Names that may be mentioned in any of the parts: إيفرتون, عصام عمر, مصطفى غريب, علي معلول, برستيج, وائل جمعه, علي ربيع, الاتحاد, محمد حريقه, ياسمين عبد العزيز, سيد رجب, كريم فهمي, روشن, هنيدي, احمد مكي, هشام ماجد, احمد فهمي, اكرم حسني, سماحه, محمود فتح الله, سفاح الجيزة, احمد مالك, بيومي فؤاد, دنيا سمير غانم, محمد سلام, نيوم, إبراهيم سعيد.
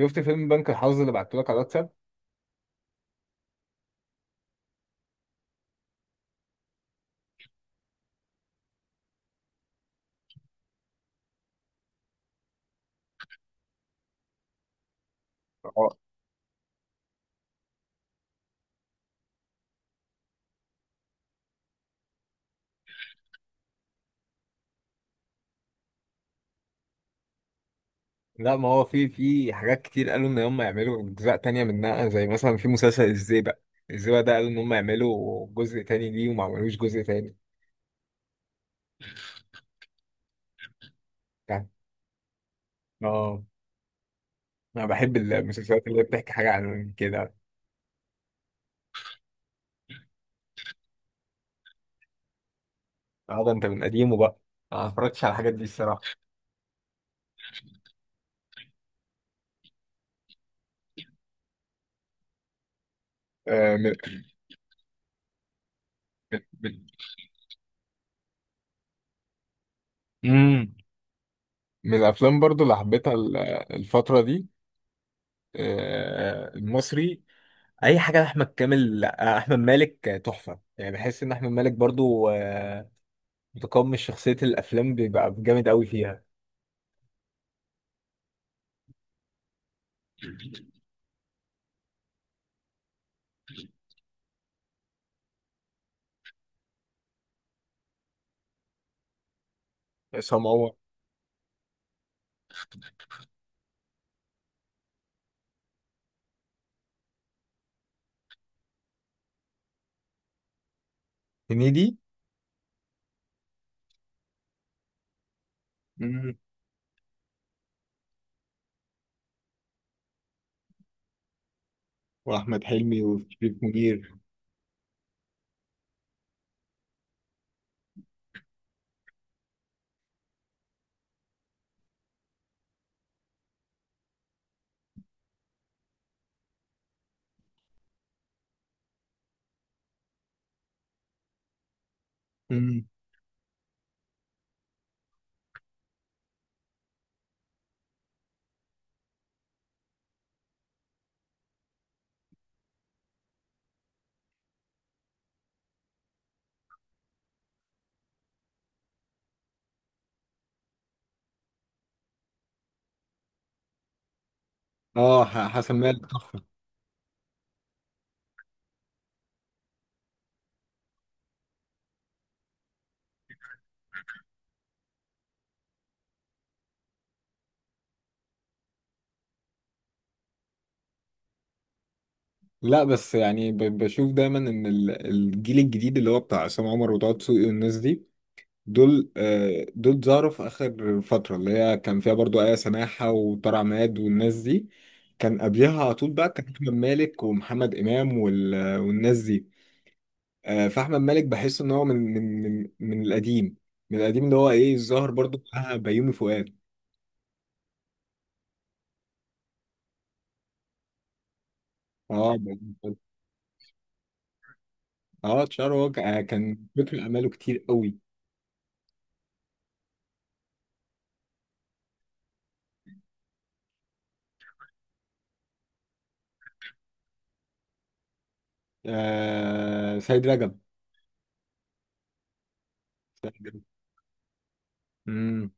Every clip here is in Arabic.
شفت فيلم بنك الحظ اللي بعتهولك على الواتساب. لا، ما هو في حاجات كتير قالوا ان هم يعملوا اجزاء تانية منها، زي مثلا في مسلسل الزيبق ده. قالوا ان هم يعملوا جزء تاني ليه وما عملوش جزء تاني، يعني. اه، انا بحب المسلسلات اللي هي بتحكي حاجة عن كده. اه، ده انت من قديمه بقى. انا ما اتفرجتش على الحاجات دي، الصراحة. آه من من من مم. من الافلام برضو اللي حبيتها الفترة دي، المصري، اي حاجه لاحمد كامل، احمد مالك، تحفه. يعني بحس ان احمد مالك برضو، متقمص شخصيه الافلام، بيبقى جامد قوي فيها. عصام عمر. هنيدي. مم. واحمد حلمي وشريف منير. مم. اه، حسن مالك تحفه. لا، بس يعني، بشوف دايما ان الجيل الجديد اللي هو بتاع عصام عمر وطه دسوقي والناس دي. دول ظهروا في اخر فتره اللي هي كان فيها برضو ايه، سماحه وطارق عماد والناس دي. كان قبلها على طول بقى كان احمد مالك ومحمد امام والناس دي. فاحمد مالك بحس ان هو من القديم اللي هو ايه، الظاهر برضو بتاع بيومي فؤاد. اه، بيومي فؤاد. اه، اتشهر هو، كان فكر اعماله كتير قوي. سيد رجب. سيد رجب. امم.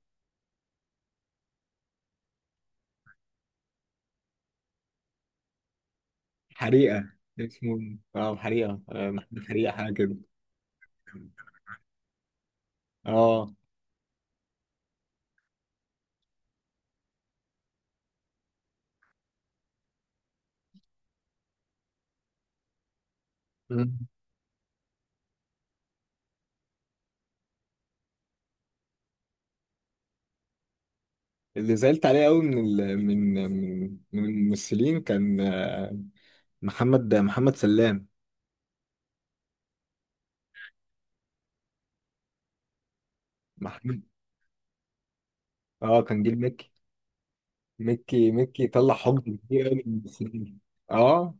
حريقه. اسمه إيه؟ اه حريقه، محمد حريقه، حاجه كده. اه. مم. اللي زعلت عليه قوي من ال... من من من الممثلين كان، محمد سلام. محمد، اه كان جيل مكي. مكي طلع حقد كتير قوي من الممثلين. اه.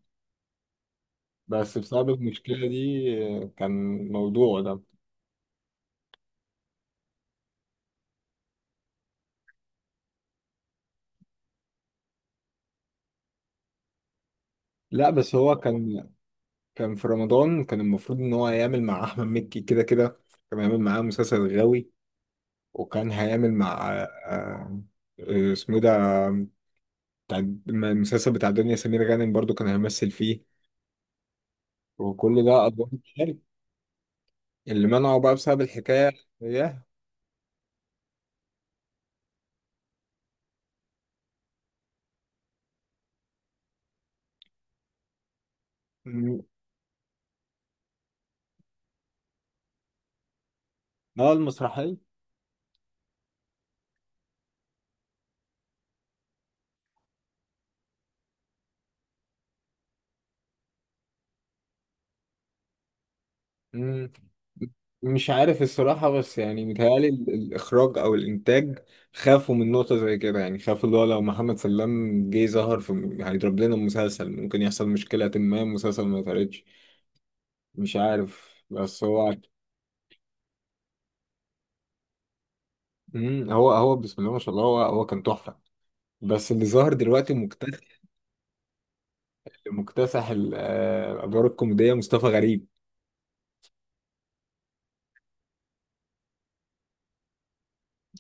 بس بسبب المشكلة دي، كان موضوع ده. لا، بس هو كان في رمضان. كان المفروض ان هو هيعمل مع احمد مكي، كده كده. كان هيعمل معاه مسلسل غاوي. وكان هيعمل مع، اسمه إيه ده، بتاع المسلسل بتاع دنيا سمير غانم، برضو كان هيمثل فيه. وكل ده أدوار مشتركة. اللي منعه بقى بسبب الحكاية. ياه. م- اه المسرحية. مم. مش عارف الصراحة، بس يعني متهيألي الإخراج أو الإنتاج خافوا من نقطة زي كده، يعني خافوا اللي هو لو محمد سلام جه ظهر هيضرب لنا المسلسل، ممكن يحصل مشكلة ما المسلسل ما يتعرضش. مش عارف، بس هو. مم. هو بسم الله ما شاء الله، هو كان تحفة. بس اللي ظهر دلوقتي مكتسح. مكتسح الادوار الكوميديه، مصطفى غريب.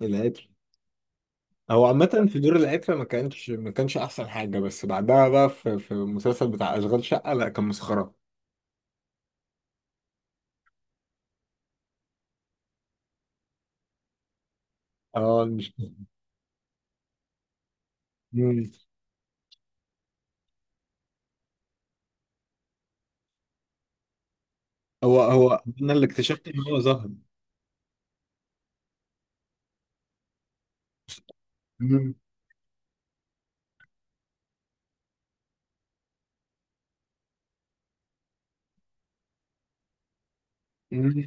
العتر. هو عامه، في دور العتر، ما كانش احسن حاجه، بس بعدها بقى في المسلسل بتاع اشغال شقه، لا، كان مسخره. اه، مش. مم. هو انا اللي اكتشفت ان هو ظهر. مم. مم.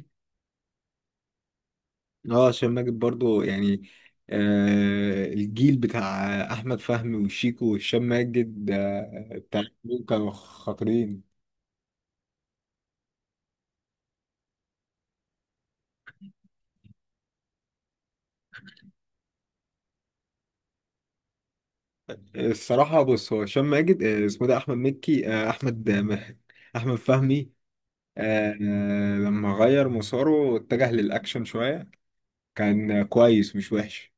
اه، هشام ماجد برضو يعني. الجيل بتاع احمد فهمي وشيكو وهشام ماجد، بتاع، دول كانوا خاطرين. الصراحة، بص، هو هشام ماجد، اسمه ده أحمد مكي، أحمد، أحمد فهمي. لما غير مساره واتجه للأكشن شوية. كان، كويس، مش وحش.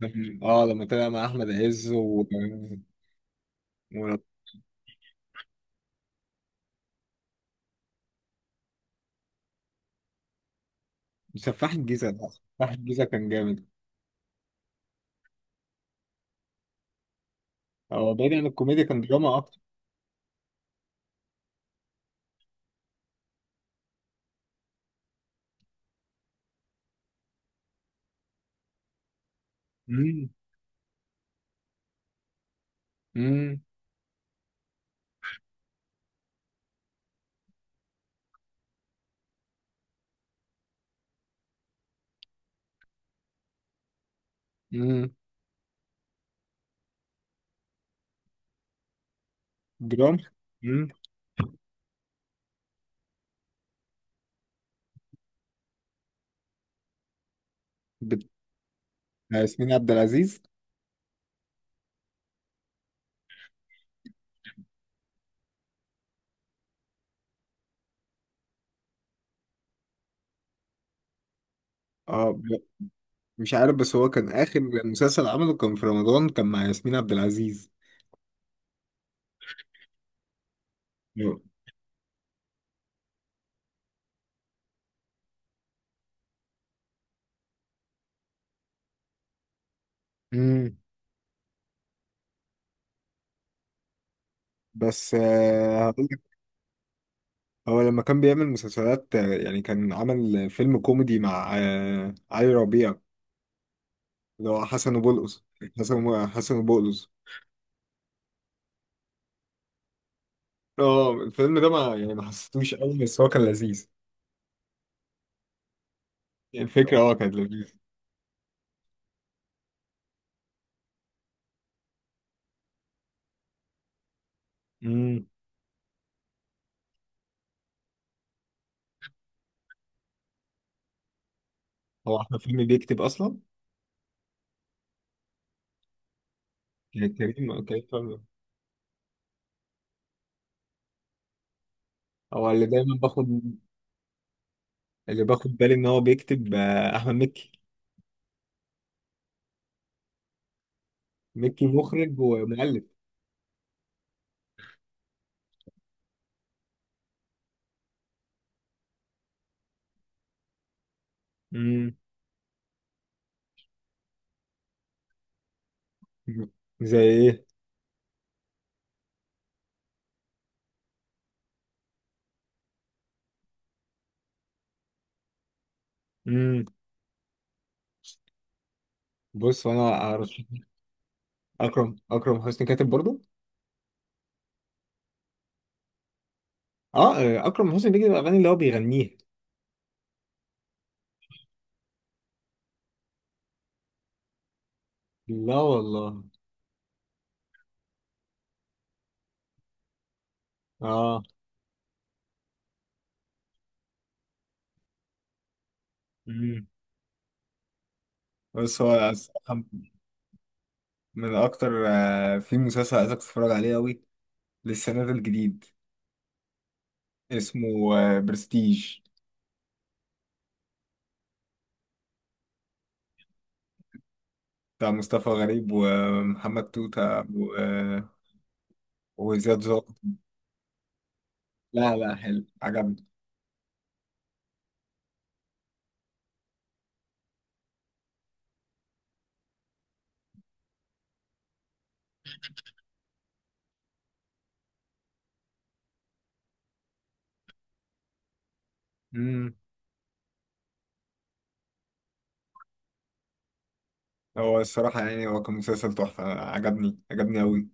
لما طلع مع أحمد عز، و- وسفاح الجيزة، ده سفاح الجيزة كان جامد. هو بعيد عن الكوميديا، كان دراما أكتر. مم. مم. مم. دراما. مم. بت- ياسمين عبد العزيز. اه، مش عارف، بس هو كان آخر مسلسل عمله، كان في رمضان، كان مع ياسمين عبد العزيز. نعم. امم. بس، هقول لك. هو لما كان بيعمل مسلسلات، يعني كان عمل فيلم كوميدي مع، علي ربيع، اللي هو حسن وبولقص. حسن وبولقص. اه. الفيلم ده، ما يعني، ما حسيتوش قوي، بس هو كان لذيذ. يعني الفكرة، كانت لذيذة. امم. هو احمد فيلم بيكتب اصلا؟ يعني كريم فهمي. هو اللي دايما باخد. اللي باخد بالي ان هو بيكتب، احمد مكي. ميكي مخرج ومؤلف. امم. زي ايه؟ امم. بص، انا ارشح. اكرم حسني كاتب برضو. اه. اكرم حسني بيجي الاغاني اللي هو بيغنيها. لا والله. اه. امم. بس هو الصراحة، من اكتر، في مسلسل عايزك تتفرج عليه قوي، لسه نازل جديد، اسمه، برستيج، بتاع مصطفى غريب ومحمد توتة وزياد زوق. لا، لا، حلو، عجبني. مم. هو الصراحة، يعني هو كان مسلسل تحفة، عجبني عجبني أوي.